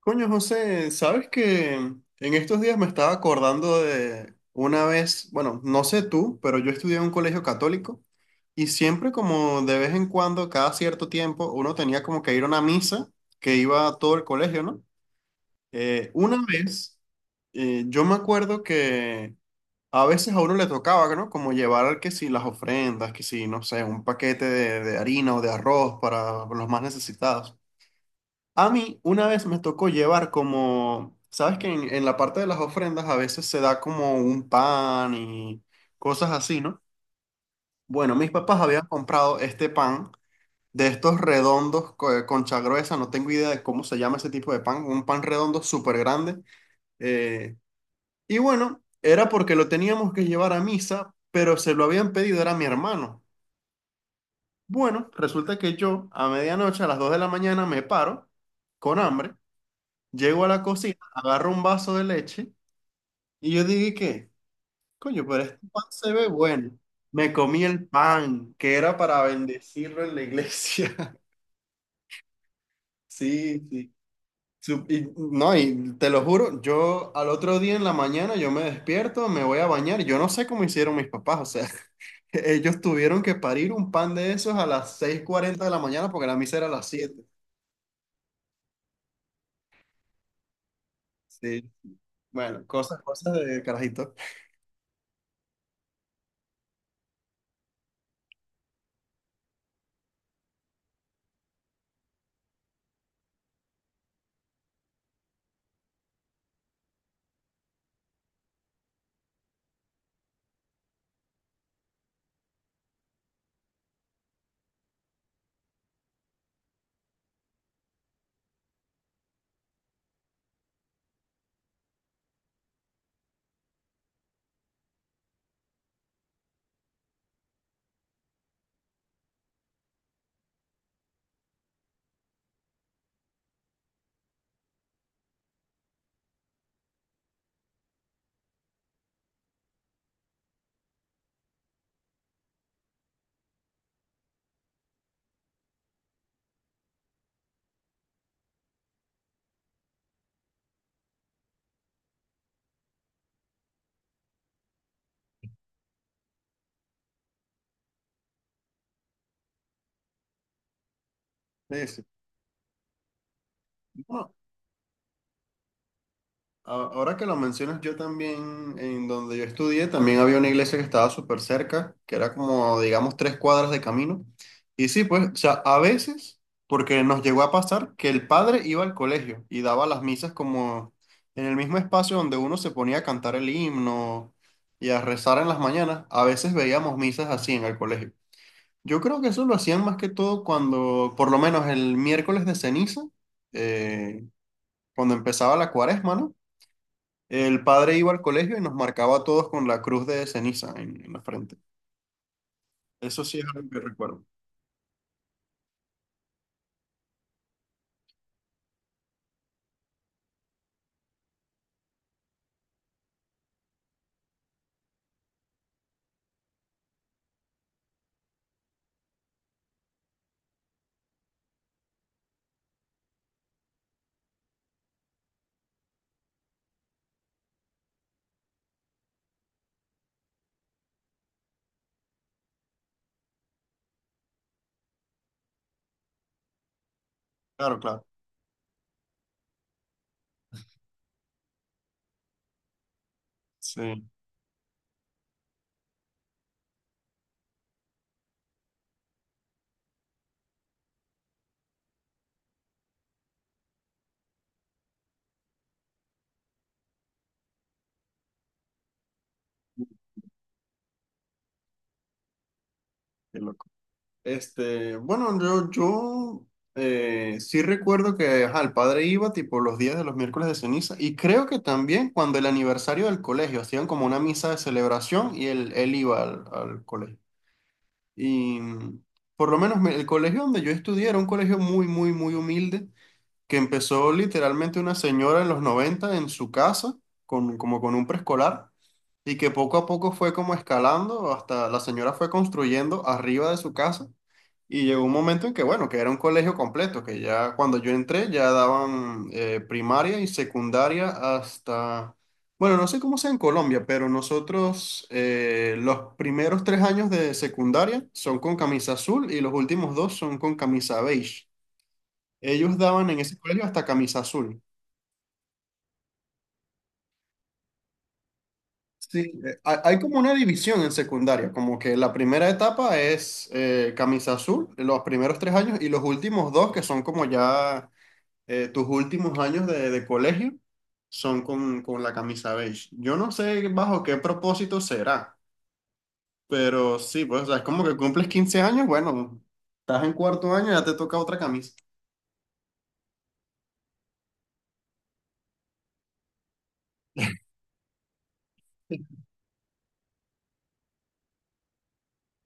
Coño, José, ¿sabes que en estos días me estaba acordando de una vez? Bueno, no sé tú, pero yo estudié en un colegio católico y siempre, como de vez en cuando, cada cierto tiempo, uno tenía como que ir a una misa que iba a todo el colegio, ¿no? Una vez, yo me acuerdo que a veces a uno le tocaba, ¿no?, como llevar que si las ofrendas, que si, no sé, un paquete de harina o de arroz para los más necesitados. A mí una vez me tocó llevar como, sabes que en la parte de las ofrendas a veces se da como un pan y cosas así, ¿no? Bueno, mis papás habían comprado este pan de estos redondos, concha gruesa, no tengo idea de cómo se llama ese tipo de pan, un pan redondo súper grande. eh, y bueno, era porque lo teníamos que llevar a misa, pero se lo habían pedido, era mi hermano. Bueno, resulta que yo a medianoche, a las 2 de la mañana, me paro con hambre. Llego a la cocina, agarro un vaso de leche y yo dije, ¿qué? Coño, pero este pan se ve bueno. Me comí el pan, que era para bendecirlo en la iglesia. Sí, sí. No, y te lo juro, yo al otro día en la mañana yo me despierto, me voy a bañar y yo no sé cómo hicieron mis papás, o sea, ellos tuvieron que parir un pan de esos a las 6:40 de la mañana porque la misa era a las 7. Sí, bueno, cosas, cosas de carajito. Sí, sí. No, ahora que lo mencionas, yo también, en donde yo estudié, también había una iglesia que estaba súper cerca, que era como, digamos, 3 cuadras de camino. Y sí, pues, o sea, a veces, porque nos llegó a pasar que el padre iba al colegio y daba las misas como en el mismo espacio donde uno se ponía a cantar el himno y a rezar en las mañanas, a veces veíamos misas así en el colegio. Yo creo que eso lo hacían más que todo cuando, por lo menos el miércoles de ceniza, eh, cuando empezaba la cuaresma, ¿no? El padre iba al colegio y nos marcaba a todos con la cruz de ceniza en la frente. Eso sí es algo que recuerdo. Claro, claro. Sí, qué loco. Este, bueno, yo sí recuerdo que, ajá, el padre iba tipo los días de los miércoles de ceniza y creo que también cuando el aniversario del colegio hacían como una misa de celebración y él iba al colegio. Y por lo menos el colegio donde yo estudié era un colegio muy, muy, muy humilde, que empezó literalmente una señora en los 90 en su casa, como con un preescolar, y que poco a poco fue como escalando hasta la señora fue construyendo arriba de su casa. Y llegó un momento en que, bueno, que era un colegio completo, que ya cuando yo entré ya daban primaria y secundaria hasta, bueno, no sé cómo sea en Colombia, pero nosotros los primeros 3 años de secundaria son con camisa azul y los últimos dos son con camisa beige. Ellos daban en ese colegio hasta camisa azul. Sí, hay como una división en secundaria, como que la primera etapa es camisa azul, los primeros 3 años, y los últimos dos, que son como ya tus últimos años de colegio, son con la camisa beige. Yo no sé bajo qué propósito será, pero sí, pues, o sea, es como que cumples 15 años, bueno, estás en cuarto año y ya te toca otra camisa.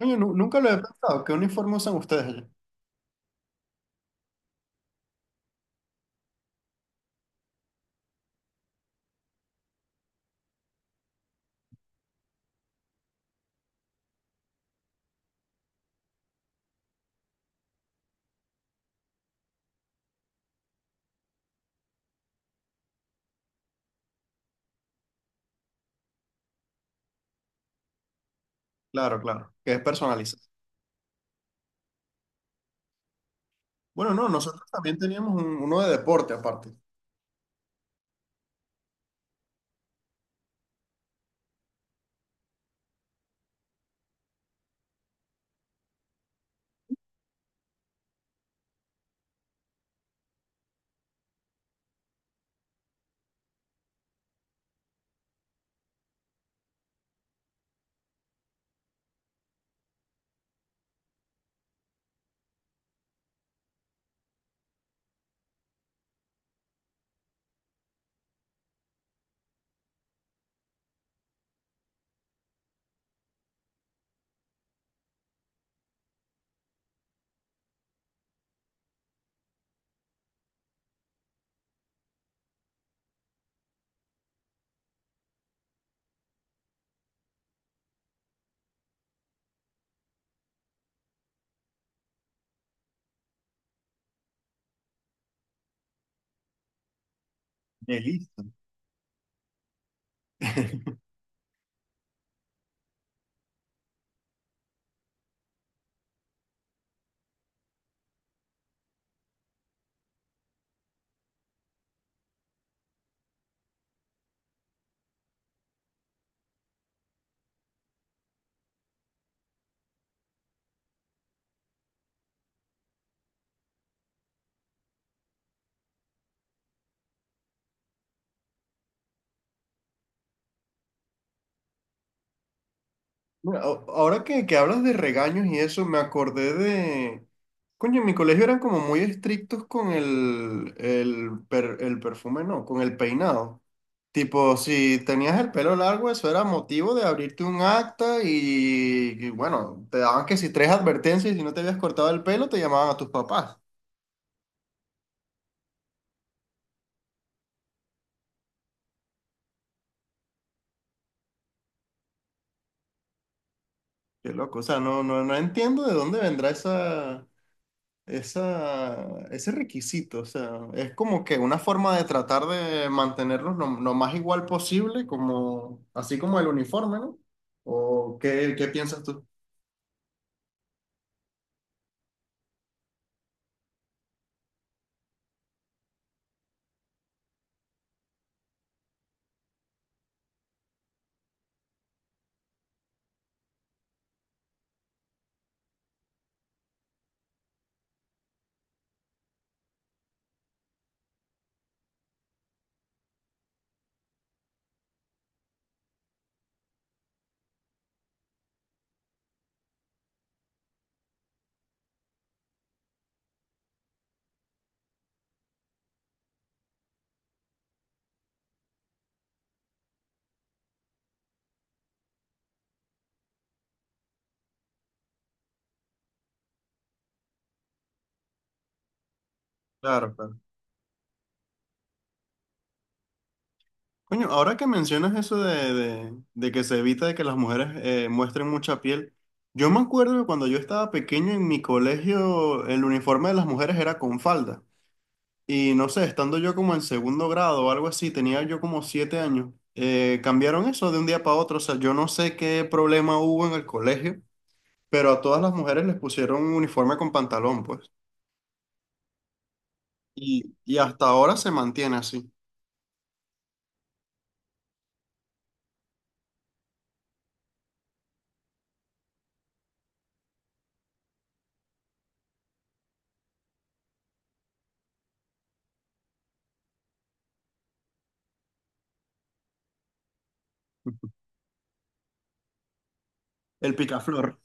Oye, nunca lo he pensado, ¿qué uniforme usan ustedes allá? Claro, claro, que es personalizado. Bueno, no, nosotros también teníamos uno de deporte aparte. De listo. Mira, ahora que hablas de regaños y eso, me acordé de... Coño, en mi colegio eran como muy estrictos con el perfume, no, con el peinado. Tipo, si tenías el pelo largo, eso era motivo de abrirte un acta y bueno, te daban que si tres advertencias y si no te habías cortado el pelo, te llamaban a tus papás. Qué loco, o sea, no, no, no entiendo de dónde vendrá esa... Esa, ese requisito, o sea, es como que una forma de tratar de mantenerlos lo más igual posible, como, así como el uniforme, ¿no? ¿O qué piensas tú? Claro, claro. Coño, ahora que mencionas eso de, de que se evita de que las mujeres muestren mucha piel, yo me acuerdo que cuando yo estaba pequeño en mi colegio, el uniforme de las mujeres era con falda. Y no sé, estando yo como en segundo grado o algo así, tenía yo como 7 años, cambiaron eso de un día para otro. O sea, yo no sé qué problema hubo en el colegio, pero a todas las mujeres les pusieron un uniforme con pantalón, pues. Y hasta ahora se mantiene así. El picaflor.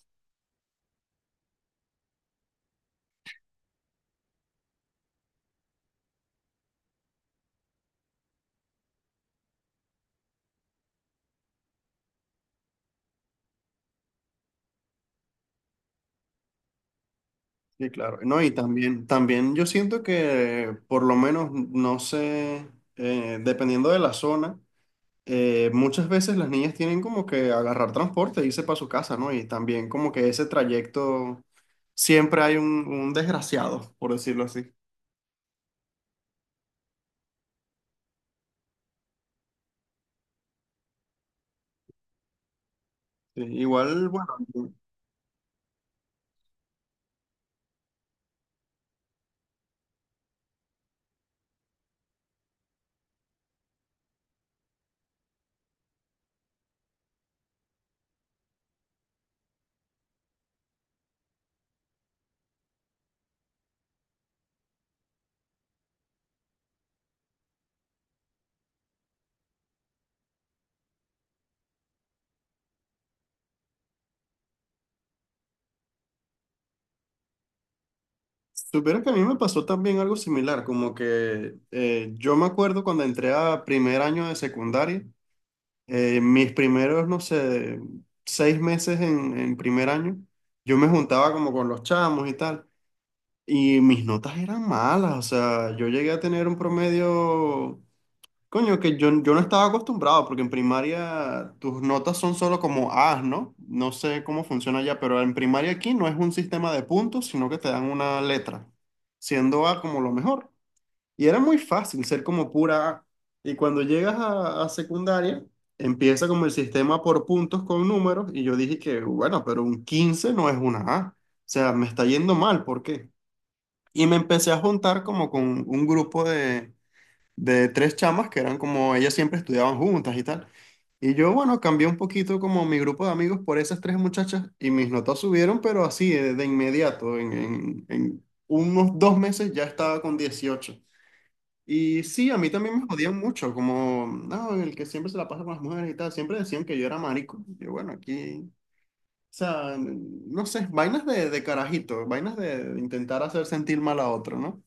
Sí, claro. No, y también, también yo siento que, por lo menos, no sé, dependiendo de la zona, muchas veces las niñas tienen como que agarrar transporte e irse para su casa, ¿no? Y también como que ese trayecto siempre hay un desgraciado, por decirlo así. Sí, igual, bueno, supiera que a mí me pasó también algo similar, como que yo me acuerdo cuando entré a primer año de secundaria, mis primeros, no sé, 6 meses en primer año, yo me juntaba como con los chamos y tal, y mis notas eran malas, o sea, yo llegué a tener un promedio... Coño, que yo no estaba acostumbrado, porque en primaria tus notas son solo como A's, ¿no? No sé cómo funciona allá, pero en primaria aquí no es un sistema de puntos, sino que te dan una letra, siendo A como lo mejor. Y era muy fácil ser como pura A. Y cuando llegas a secundaria, empieza como el sistema por puntos con números, y yo dije que, bueno, pero un 15 no es una A. O sea, me está yendo mal, ¿por qué? Y me empecé a juntar como con un grupo de tres chamas que eran como, ellas siempre estudiaban juntas y tal. Y yo, bueno, cambié un poquito como mi grupo de amigos por esas tres muchachas y mis notas subieron, pero así de inmediato, en unos 2 meses ya estaba con 18. Y sí, a mí también me jodían mucho, como, no, el que siempre se la pasa con las mujeres y tal, siempre decían que yo era marico. Y yo, bueno, aquí, o sea, no sé, vainas de carajito, vainas de intentar hacer sentir mal a otro, ¿no?